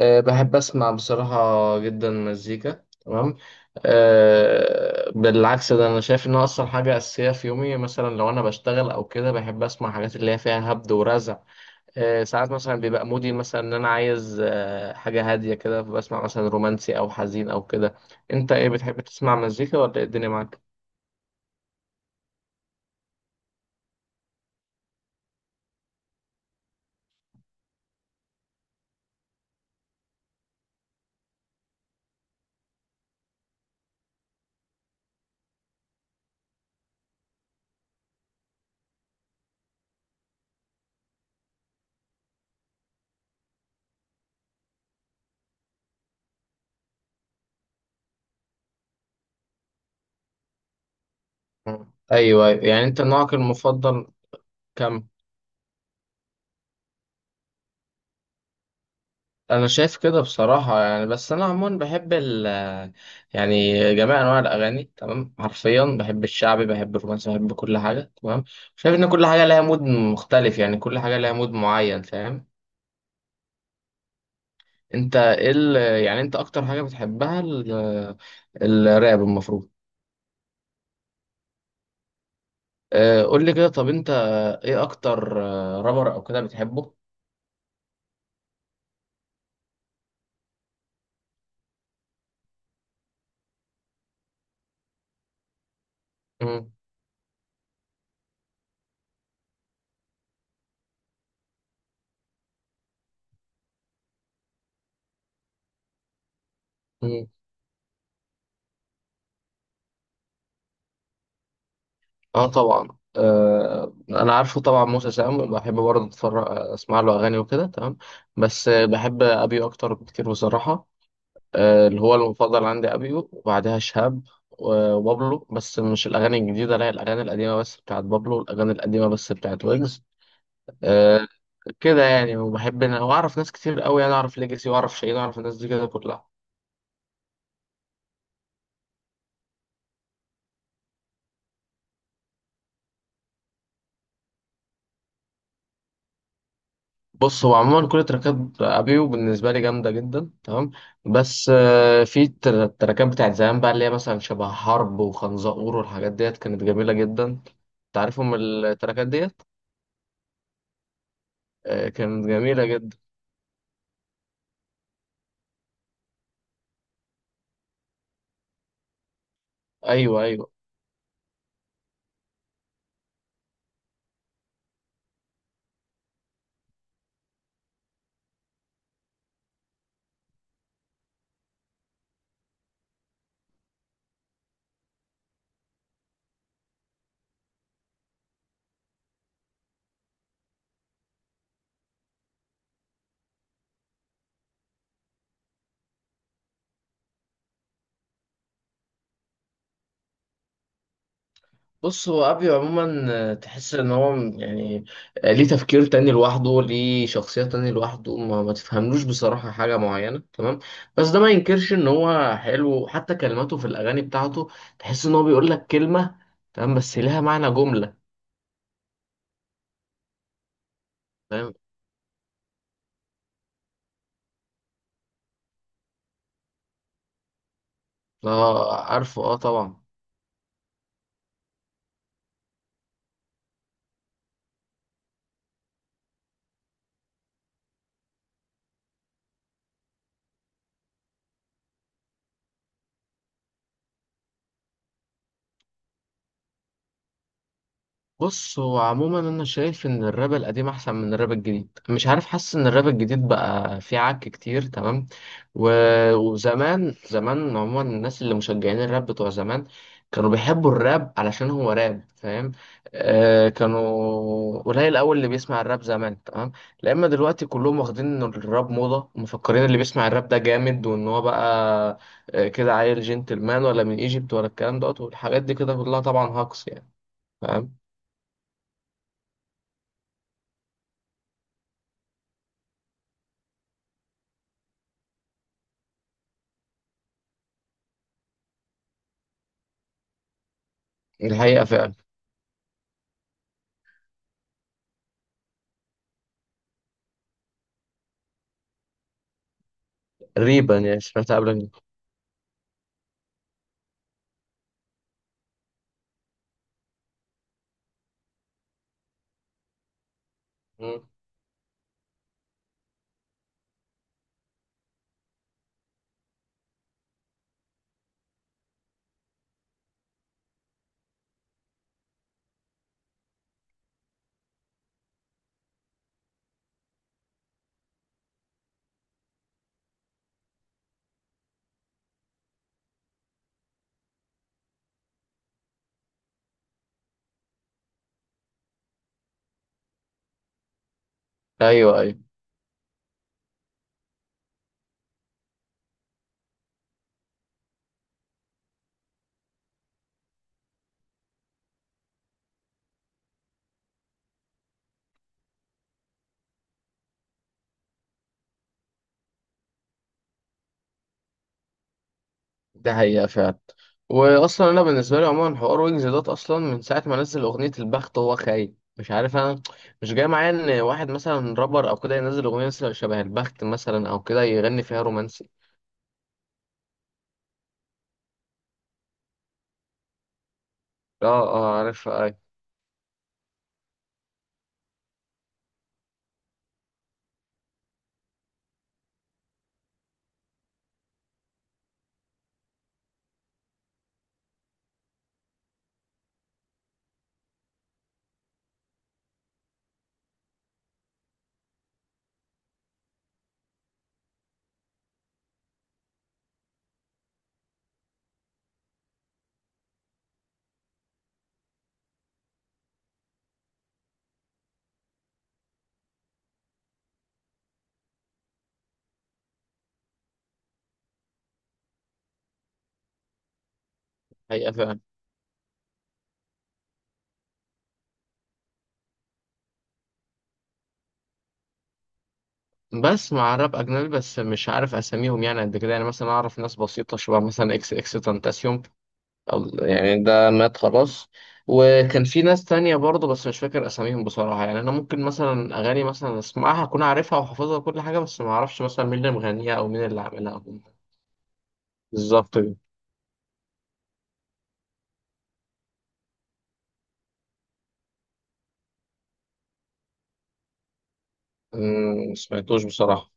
أه، بحب أسمع بصراحة جدا مزيكا، تمام. أه، بالعكس ده أنا شايف إنها أصلا حاجة أساسية في يومي، مثلا لو أنا بشتغل أو كده بحب أسمع حاجات اللي هي فيها هبد ورزع. أه، ساعات مثلا بيبقى مودي مثلا إن أنا عايز حاجة هادية كده، فبسمع مثلا رومانسي أو حزين أو كده. أنت إيه بتحب تسمع مزيكا ولا إيه الدنيا معاك؟ مم. أيوه أيوة. يعني أنت نوعك المفضل؟ كم؟ انا شايف كده بصراحه، يعني بس انا عموما بحب يعني جميع انواع الاغاني تمام، حرفيا بحب الشعبي، بحب الرومانسي، بحب كل حاجه تمام. شايف ان كل حاجه لها مود مختلف، يعني كل حاجه لها مود معين، فاهم. انت ايه يعني انت اكتر حاجه بتحبها الراب المفروض. آه، قول لي كده طب انت ايه اكتر رابر او كده بتحبه. مم. اه طبعا. آه انا عارفه طبعا، موسى سام بحب برضه اتفرج، اسمع له اغاني وكده تمام. بس بحب ابيو اكتر بكتير بصراحه. آه، اللي هو المفضل عندي ابيو وبعدها شهاب و- وبابلو، بس مش الاغاني الجديده، لا الاغاني القديمه بس بتاعت بابلو، الاغاني القديمه بس بتاعت ويجز. آه، كده يعني، وبحب واعرف ناس كتير قوي، يعني اعرف ليجاسي واعرف شيرين واعرف الناس دي كده كلها. بص هو عموما كل تراكات ابيو بالنسبه لي جامده جدا تمام. بس في التراكات بتاعت زمان بقى اللي هي مثلا شبه حرب وخنزقور والحاجات ديت كانت جميله جدا. تعرفهم التراكات ديت. آه، كانت جميله جدا. ايوه ايوه. بص هو ابيو عموما، تحس ان هو يعني ليه تفكير تاني لوحده، ليه شخصية تاني لوحده، ما تفهملوش بصراحة حاجة معينة تمام. بس ده ما ينكرش ان هو حلو، حتى كلماته في الاغاني بتاعته تحس ان هو بيقول لك كلمة تمام بس لها معنى جملة. فاهم. اه عارفه اه طبعا. بص هو عموما انا شايف ان الراب القديم احسن من الراب الجديد، مش عارف، حاسس ان الراب الجديد بقى فيه عك كتير تمام. و... وزمان زمان عموما الناس اللي مشجعين الراب بتوع زمان كانوا بيحبوا الراب علشان هو راب، فاهم. آه كانوا قليل الاول اللي بيسمع الراب زمان تمام. لأما دلوقتي كلهم واخدين ان الراب موضة ومفكرين اللي بيسمع الراب ده جامد وان هو بقى كده عيل جنتلمان ولا من ايجيبت ولا الكلام دوت والحاجات دي كده كلها طبعا هاكس يعني. الحقيقة فعلا. ريبا، يعني سمعتها قبل كده. مم. أيوه أيوه. ده حقيقة فعلا. وأصلا أنا بالنسبة لي عموما حوار ويجز دوت أصلا من ساعة ما نزل أغنية البخت، هو خايب مش عارف أنا، مش جاي معايا إن واحد مثلا رابر أو كده ينزل أغنية مثلا شبه البخت مثلا أو كده يغني فيها رومانسي. أه، أه، عارف أيوه. حقيقة فعلا. بسمع راب أجنبي بس مش عارف أساميهم، يعني قد كده يعني مثلا أعرف ناس بسيطة شبه مثلا إكس إكس تنتاسيوم. الله يعني ده مات خلاص. وكان في ناس تانية برضه بس مش فاكر أساميهم بصراحة، يعني أنا ممكن مثلا أغاني مثلا أسمعها أكون عارفها وحافظها وكل حاجة بس ما أعرفش مثلا مين اللي مغنيها أو مين اللي عاملها أو مين. بالظبط كده. ما سمعتوش بصراحة.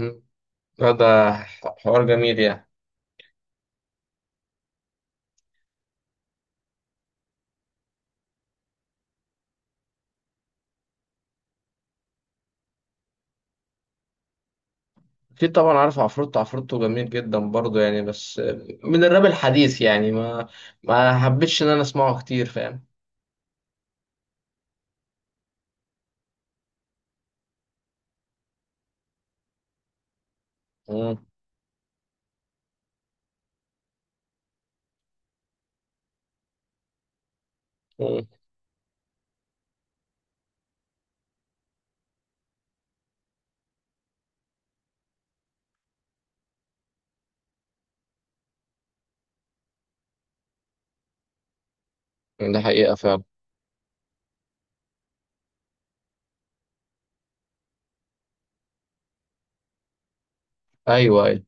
أمم، لا، ده حوار جميل يعني. أكيد طبعا عارف عفروتو، عفروتو جميل جدا برضه يعني، بس من الراب الحديث يعني ما حبيتش إن أنا أسمعه كتير، فاهم. أمم. أمم. ده حقيقة فعلا. أيوه أيوه.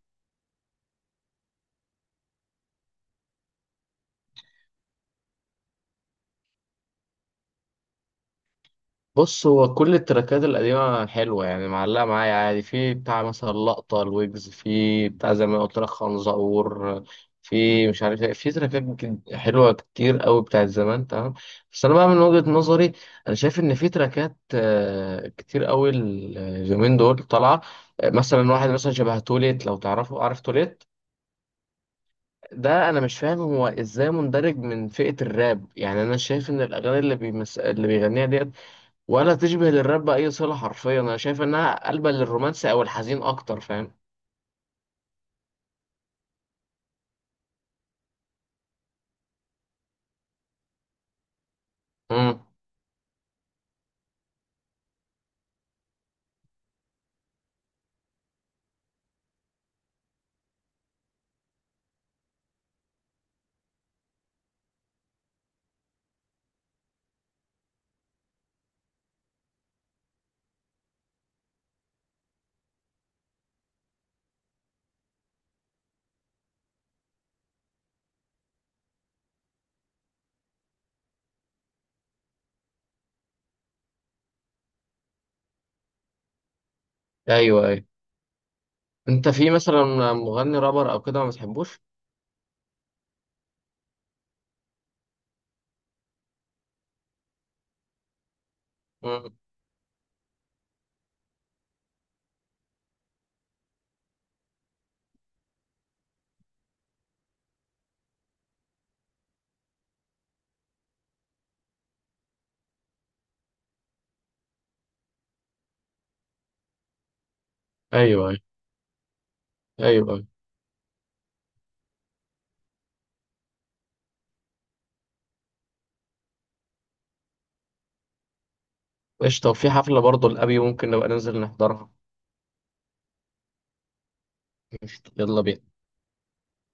بص هو كل التراكات القديمة حلوة يعني معلقة معايا عادي، في بتاع مثلا لقطة الويجز، في بتاع زي ما قلت لك خنزقور، في مش عارف ايه، في تراكات حلوة كتير قوي بتاعت زمان تمام. بس أنا بقى من وجهة نظري، أنا شايف إن في تراكات كتير قوي اليومين دول طالعة. آه، مثلا واحد مثلا شبه توليت، لو تعرفه، عارف توليت. ده انا مش فاهم هو ازاي مندرج من فئة الراب، يعني انا شايف ان الاغاني اللي بيغنيها ديت ولا تشبه للراب بأي صلة، حرفيا أنا شايف إنها قلبة للرومانسي أو الحزين أكتر، فاهم. امم. أيوه أيوه. أنت في مثلا مغني رابر أو كده ما بتحبوش؟ امم. أيوه أيوه. أيوه أيوه. قشطة، وفي حفلة برضه لأبي ممكن نبقى ننزل نحضرها. قشطة، يلا بينا.